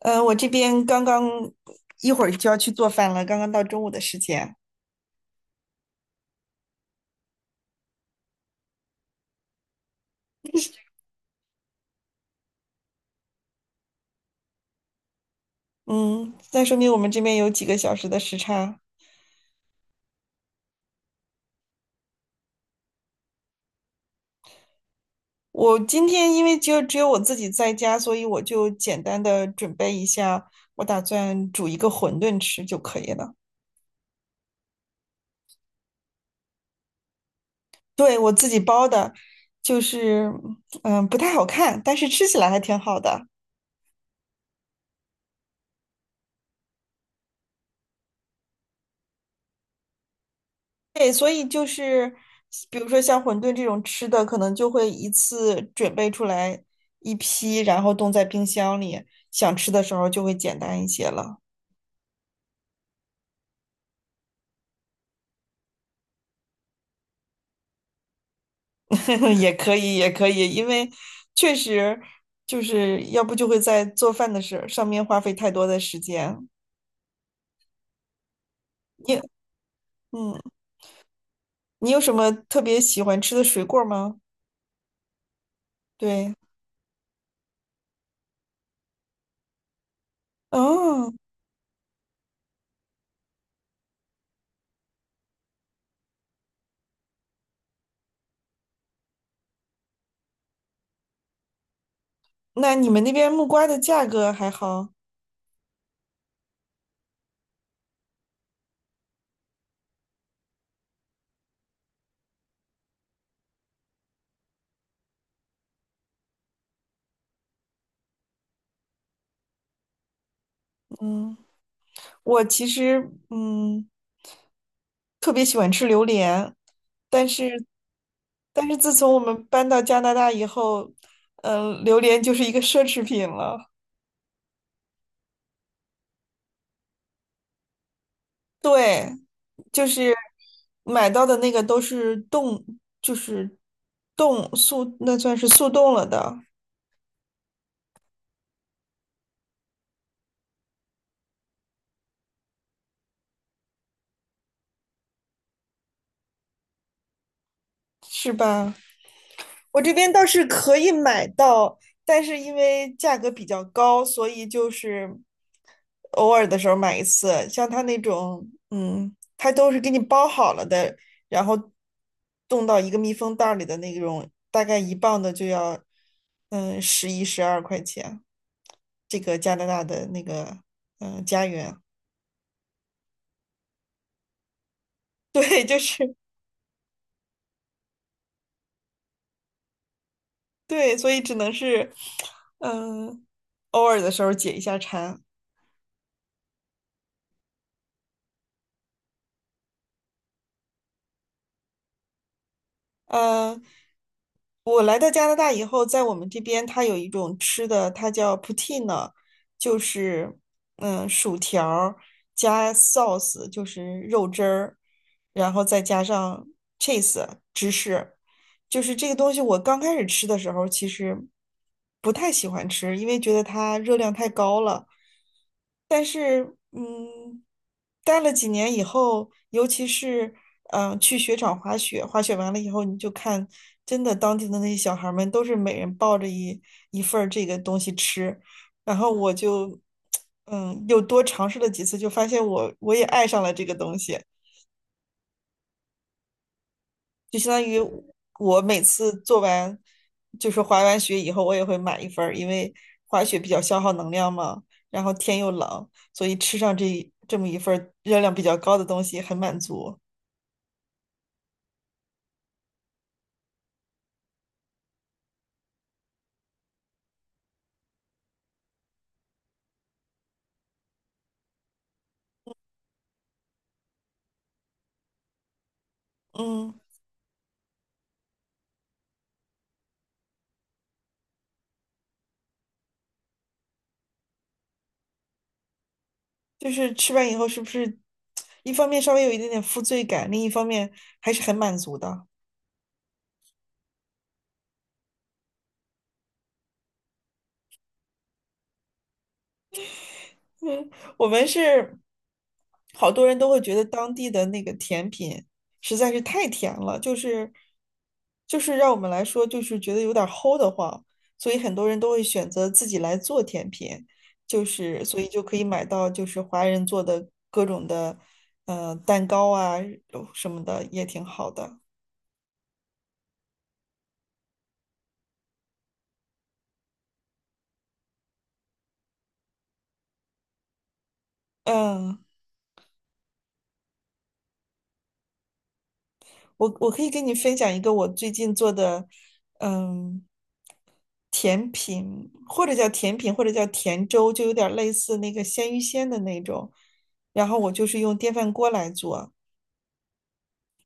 我这边刚刚一会儿就要去做饭了，刚刚到中午的时间。嗯，那说明我们这边有几个小时的时差。我今天因为就只有我自己在家，所以我就简单的准备一下，我打算煮一个馄饨吃就可以了。对，我自己包的，就是嗯不太好看，但是吃起来还挺好的。对，所以就是，比如说像馄饨这种吃的，可能就会一次准备出来一批，然后冻在冰箱里，想吃的时候就会简单一些了。也可以，也可以，因为确实就是要不就会在做饭的事上面花费太多的时间。你，嗯，你有什么特别喜欢吃的水果吗？对，哦，那你们那边木瓜的价格还好？嗯，我其实，嗯。特别喜欢吃榴莲，但是但是自从我们搬到加拿大以后，嗯、榴莲就是一个奢侈品了。对，就是买到的那个都是冻，就是冻速，那算是速冻了的，是吧？我这边倒是可以买到，但是因为价格比较高，所以就是偶尔的时候买一次，像它那种，嗯，它都是给你包好了的，然后冻到一个密封袋儿里的那种，大概一磅的就要，嗯，十一十二块钱。这个加拿大的那个，嗯，家园。对，就是对，所以只能是，嗯，偶尔的时候解一下馋。嗯，我来到加拿大以后，在我们这边它有一种吃的，它叫 poutine，就是嗯薯条儿加 sauce，就是肉汁儿，然后再加上 cheese 芝士。就是这个东西，我刚开始吃的时候其实不太喜欢吃，因为觉得它热量太高了。但是，嗯，待了几年以后，尤其是嗯、去雪场滑雪，滑雪完了以后，你就看真的当地的那些小孩儿们都是每人抱着一份儿这个东西吃，然后我就 嗯又多尝试了几次，就发现我也爱上了这个东西。就相当于我每次做完就是滑完雪以后，我也会买一份儿，因为滑雪比较消耗能量嘛，然后天又冷，所以吃上这么一份儿热量比较高的东西很满足。嗯，就是吃完以后是不是 一方面稍微有一点点负罪感，另一方面还是很满足的。嗯，我们是好多人都会觉得当地的那个甜品实在是太甜了，就是让我们来说就是觉得有点儿齁的慌，所以很多人都会选择自己来做甜品，就是所以就可以买到就是华人做的各种的蛋糕啊什么的也挺好的。嗯，我可以跟你分享一个我最近做的，嗯，甜品或者叫甜品或者叫甜粥，就有点类似那个鲜芋仙的那种。然后我就是用电饭锅来做，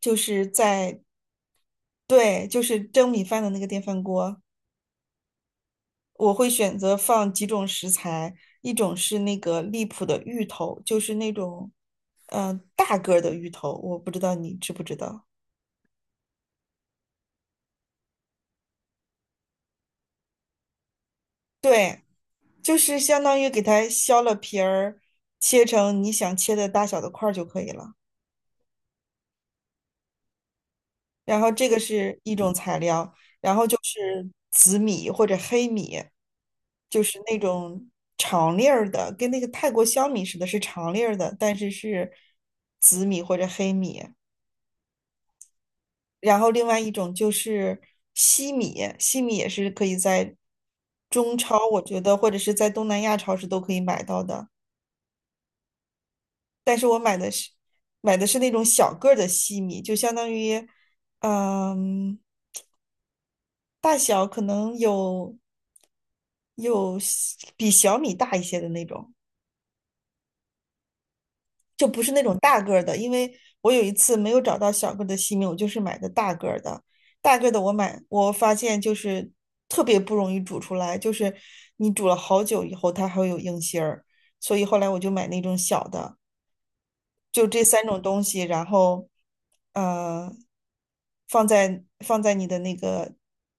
就是在，对，就是蒸米饭的那个电饭锅。我会选择放几种食材，一种是那个荔浦的芋头，就是那种，嗯、大个儿的芋头，我不知道你知不知道。对，就是相当于给它削了皮儿，切成你想切的大小的块儿就可以了。然后这个是一种材料，是紫米或者黑米，就是那种长粒儿的，跟那个泰国香米似的，是长粒儿的，但是是紫米或者黑米。然后另外一种就是西米，西米也是可以在中超，我觉得或者是在东南亚超市都可以买到的。但是我买的是那种小个儿的西米，就相当于，嗯，大小可能有比小米大一些的那种，就不是那种大个儿的。因为我有一次没有找到小个儿的西米，我就是买的大个儿的。大个儿的我买，我发现就是特别不容易煮出来，就是你煮了好久以后，它还会有硬芯儿。所以后来我就买那种小的。就这三种东西，然后呃，放在你的那个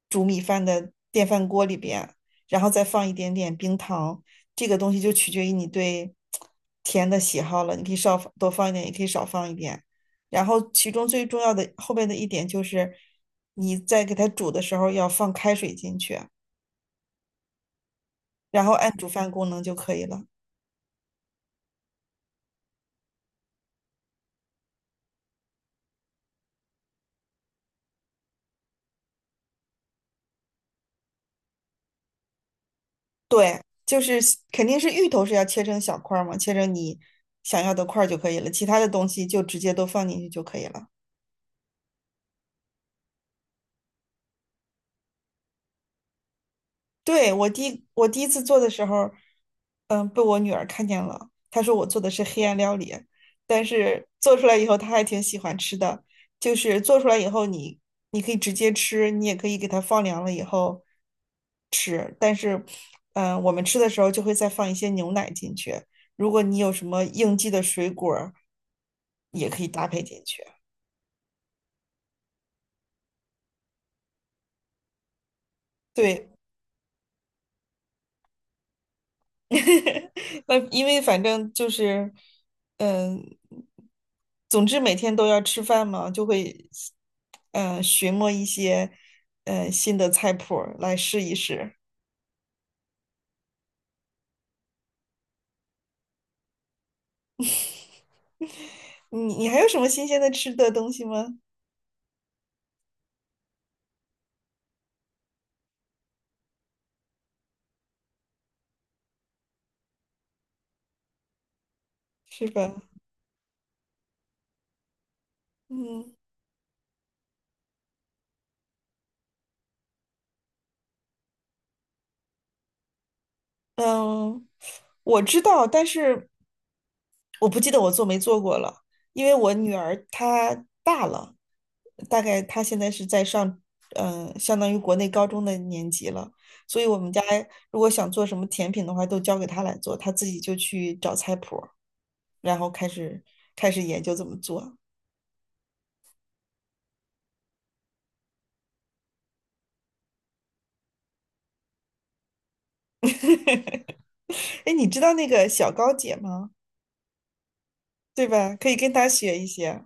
煮米饭的电饭锅里边，然后再放一点点冰糖，这个东西就取决于你对甜的喜好了，你可以少多放一点，也可以少放一点。然后其中最重要的后边的一点就是，你在给它煮的时候要放开水进去，然后按煮饭功能就可以了。对，就是肯定是芋头是要切成小块儿嘛，切成你想要的块儿就可以了，其他的东西就直接都放进去就可以了。对，我第一次做的时候，嗯，被我女儿看见了，她说我做的是黑暗料理，但是做出来以后她还挺喜欢吃的，就是做出来以后你可以直接吃，你也可以给它放凉了以后。嗯、我们吃的时候就会再放一些牛奶进去。如果你有什么应季的水果儿也可以搭配进去。对，那因为反正就是，嗯、总之每天都要吃饭嘛，就会，嗯、寻摸一些，嗯，新的菜谱儿来试一试。你还有什么新鲜的吃的东西吗？是吧？嗯。嗯，我知道，但是我不记得我做没做过了，因为我女儿她大了，大概她现在是在上，嗯、相当于国内高中的年级了，所以我们家如果想做什么甜品的话，都交给她来做，她自己就去找菜谱儿然后开始研究怎么做。哎你知道那个小高姐吗？对吧？可以跟她学一些。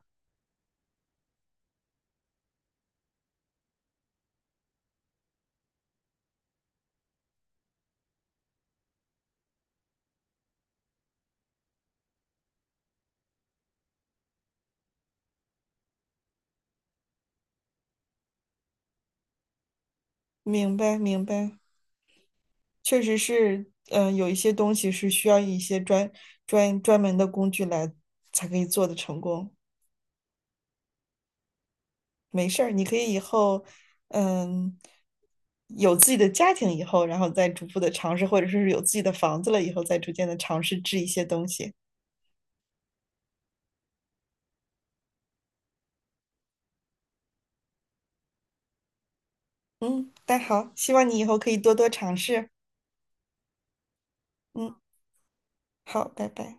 明白，明白。确实是，嗯，有一些东西是需要一些专门的工具来才可以做的成功。没事儿，你可以以后，嗯，有自己的家庭以后，然后再逐步的尝试，或者是有自己的房子了以后，再逐渐的尝试制一些东西。嗯，但好，希望你以后可以多多尝试。嗯，好，拜拜。